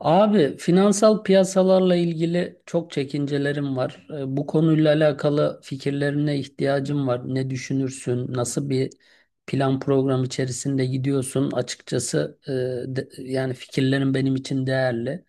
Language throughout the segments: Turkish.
Abi finansal piyasalarla ilgili çok çekincelerim var. Bu konuyla alakalı fikirlerine ihtiyacım var. Ne düşünürsün? Nasıl bir plan program içerisinde gidiyorsun? Açıkçası yani fikirlerin benim için değerli.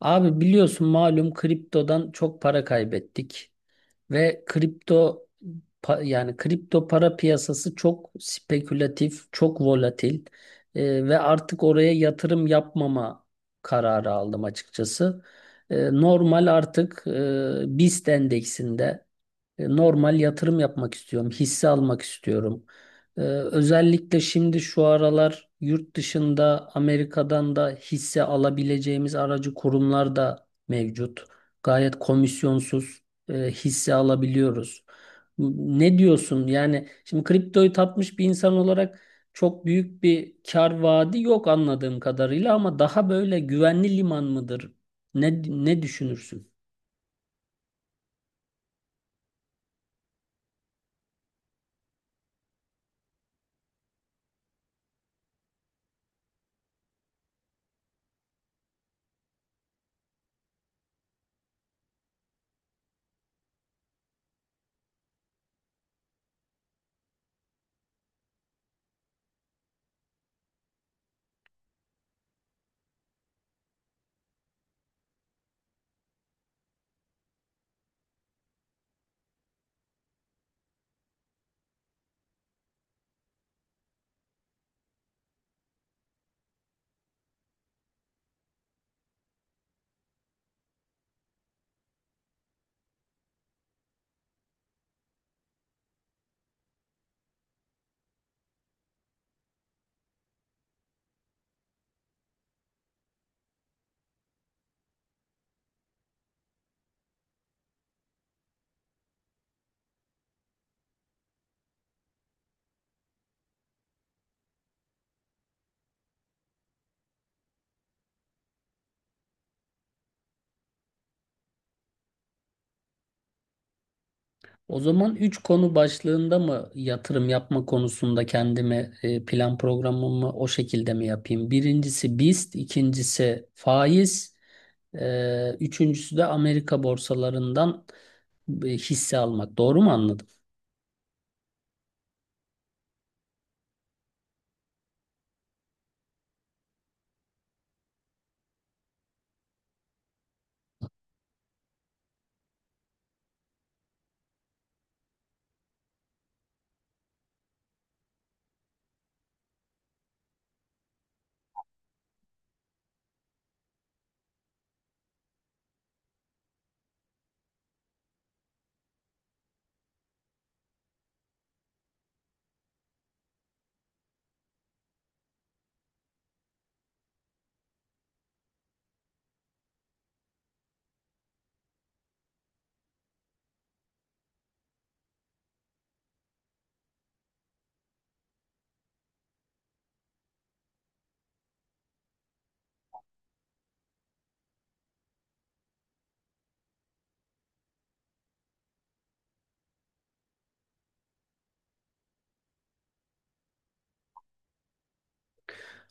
Abi biliyorsun malum kriptodan çok para kaybettik. Ve kripto yani kripto para piyasası çok spekülatif, çok volatil. Ve artık oraya yatırım yapmama kararı aldım açıkçası. Normal artık BIST endeksinde normal yatırım yapmak istiyorum, hisse almak istiyorum. Özellikle şimdi şu aralar yurt dışında Amerika'dan da hisse alabileceğimiz aracı kurumlar da mevcut. Gayet komisyonsuz hisse alabiliyoruz. Ne diyorsun? Yani şimdi kriptoyu tapmış bir insan olarak çok büyük bir kar vaadi yok anladığım kadarıyla ama daha böyle güvenli liman mıdır? Ne düşünürsün? O zaman 3 konu başlığında mı yatırım yapma konusunda kendime plan programımı o şekilde mi yapayım? Birincisi BIST, ikincisi faiz, üçüncüsü de Amerika borsalarından hisse almak. Doğru mu anladım?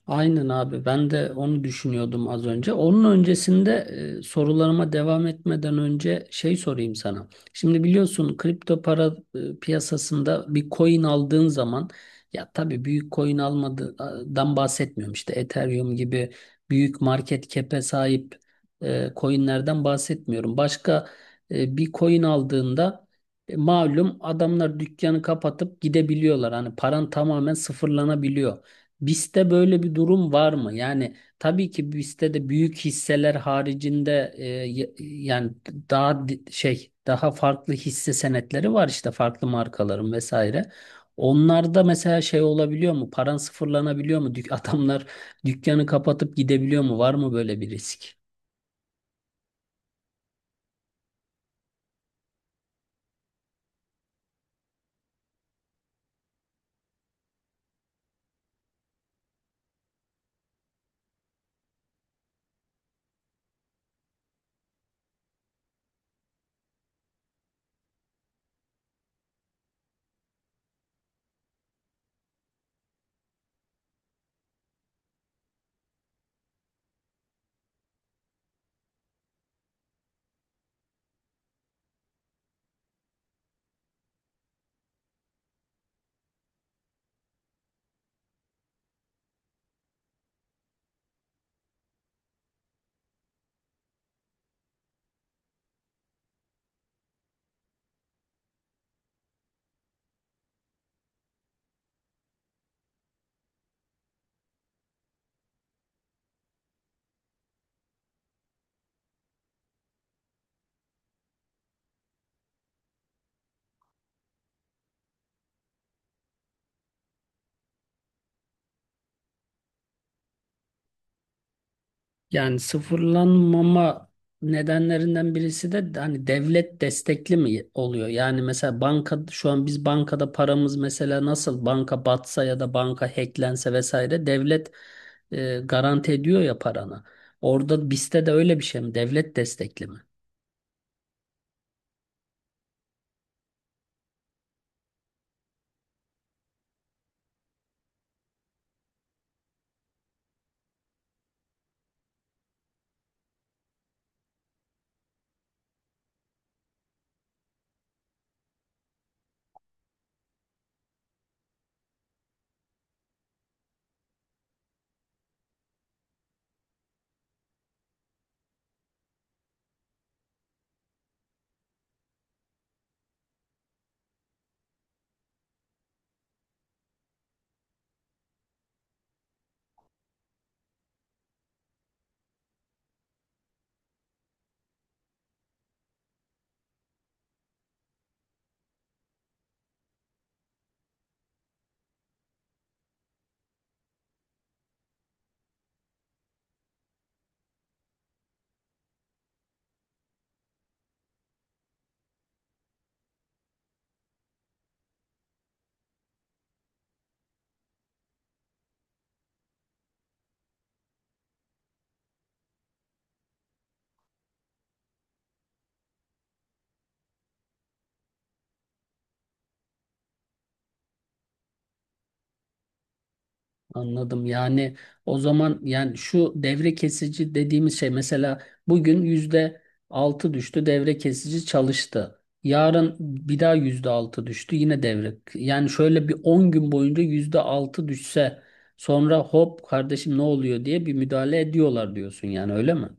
Aynen abi ben de onu düşünüyordum az önce. Onun öncesinde sorularıma devam etmeden önce şey sorayım sana. Şimdi biliyorsun kripto para piyasasında bir coin aldığın zaman ya tabii büyük coin almadan bahsetmiyorum. İşte Ethereum gibi büyük market cap'e sahip coinlerden bahsetmiyorum. Başka bir coin aldığında malum adamlar dükkanı kapatıp gidebiliyorlar. Hani paran tamamen sıfırlanabiliyor. BIST'te böyle bir durum var mı? Yani tabii ki BIST'te de büyük hisseler haricinde yani daha daha farklı hisse senetleri var işte farklı markaların vesaire. Onlarda mesela şey olabiliyor mu? Paran sıfırlanabiliyor mu? Dük adamlar dükkanı kapatıp gidebiliyor mu? Var mı böyle bir risk? Yani sıfırlanmama nedenlerinden birisi de hani devlet destekli mi oluyor? Yani mesela banka şu an biz bankada paramız mesela nasıl banka batsa ya da banka hacklense vesaire devlet garanti ediyor ya paranı. Orada bizde de öyle bir şey mi? Devlet destekli mi? Anladım. Yani o zaman yani şu devre kesici dediğimiz şey mesela bugün %6 düştü, devre kesici çalıştı. Yarın bir daha %6 düştü yine devre. Yani şöyle bir 10 gün boyunca %6 düşse sonra hop kardeşim ne oluyor diye bir müdahale ediyorlar diyorsun, yani öyle mi?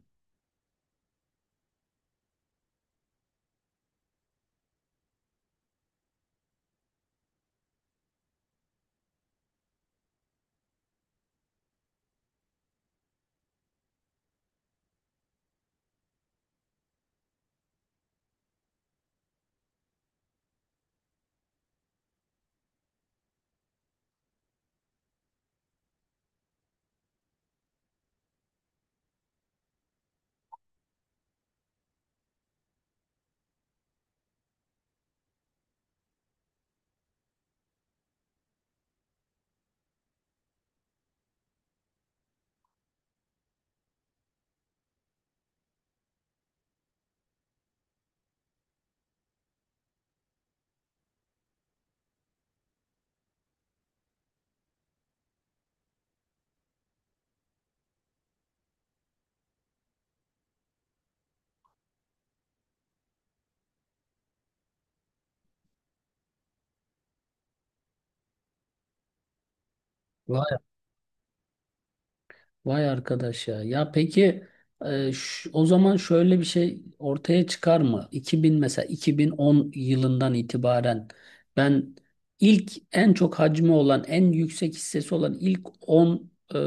Vay arkadaş ya. Ya peki o zaman şöyle bir şey ortaya çıkar mı? 2000, mesela 2010 yılından itibaren ben ilk en çok hacmi olan, en yüksek hissesi olan ilk 10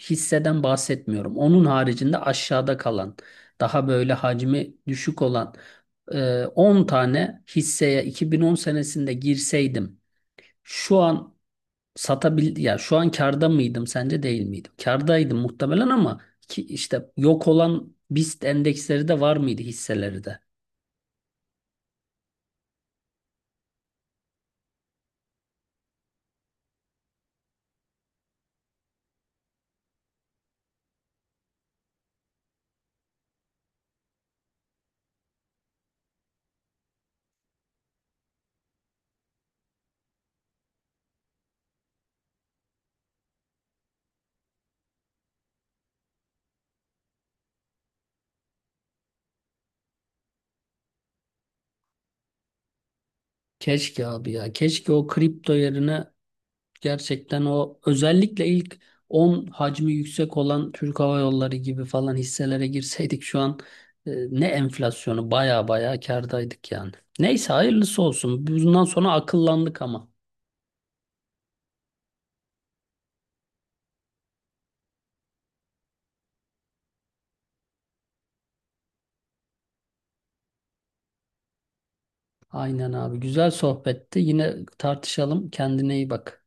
hisseden bahsetmiyorum. Onun haricinde aşağıda kalan daha böyle hacmi düşük olan 10 tane hisseye 2010 senesinde girseydim şu an satabildi ya şu an karda mıydım sence, değil miydim? Kardaydım muhtemelen ama ki işte yok olan BIST endeksleri de var mıydı, hisseleri de? Keşke abi ya, keşke o kripto yerine gerçekten o özellikle ilk 10 hacmi yüksek olan Türk Hava Yolları gibi falan hisselere girseydik, şu an e, ne enflasyonu, baya baya kârdaydık yani. Neyse, hayırlısı olsun. Bundan sonra akıllandık ama. Aynen abi, güzel sohbetti. Yine tartışalım. Kendine iyi bak.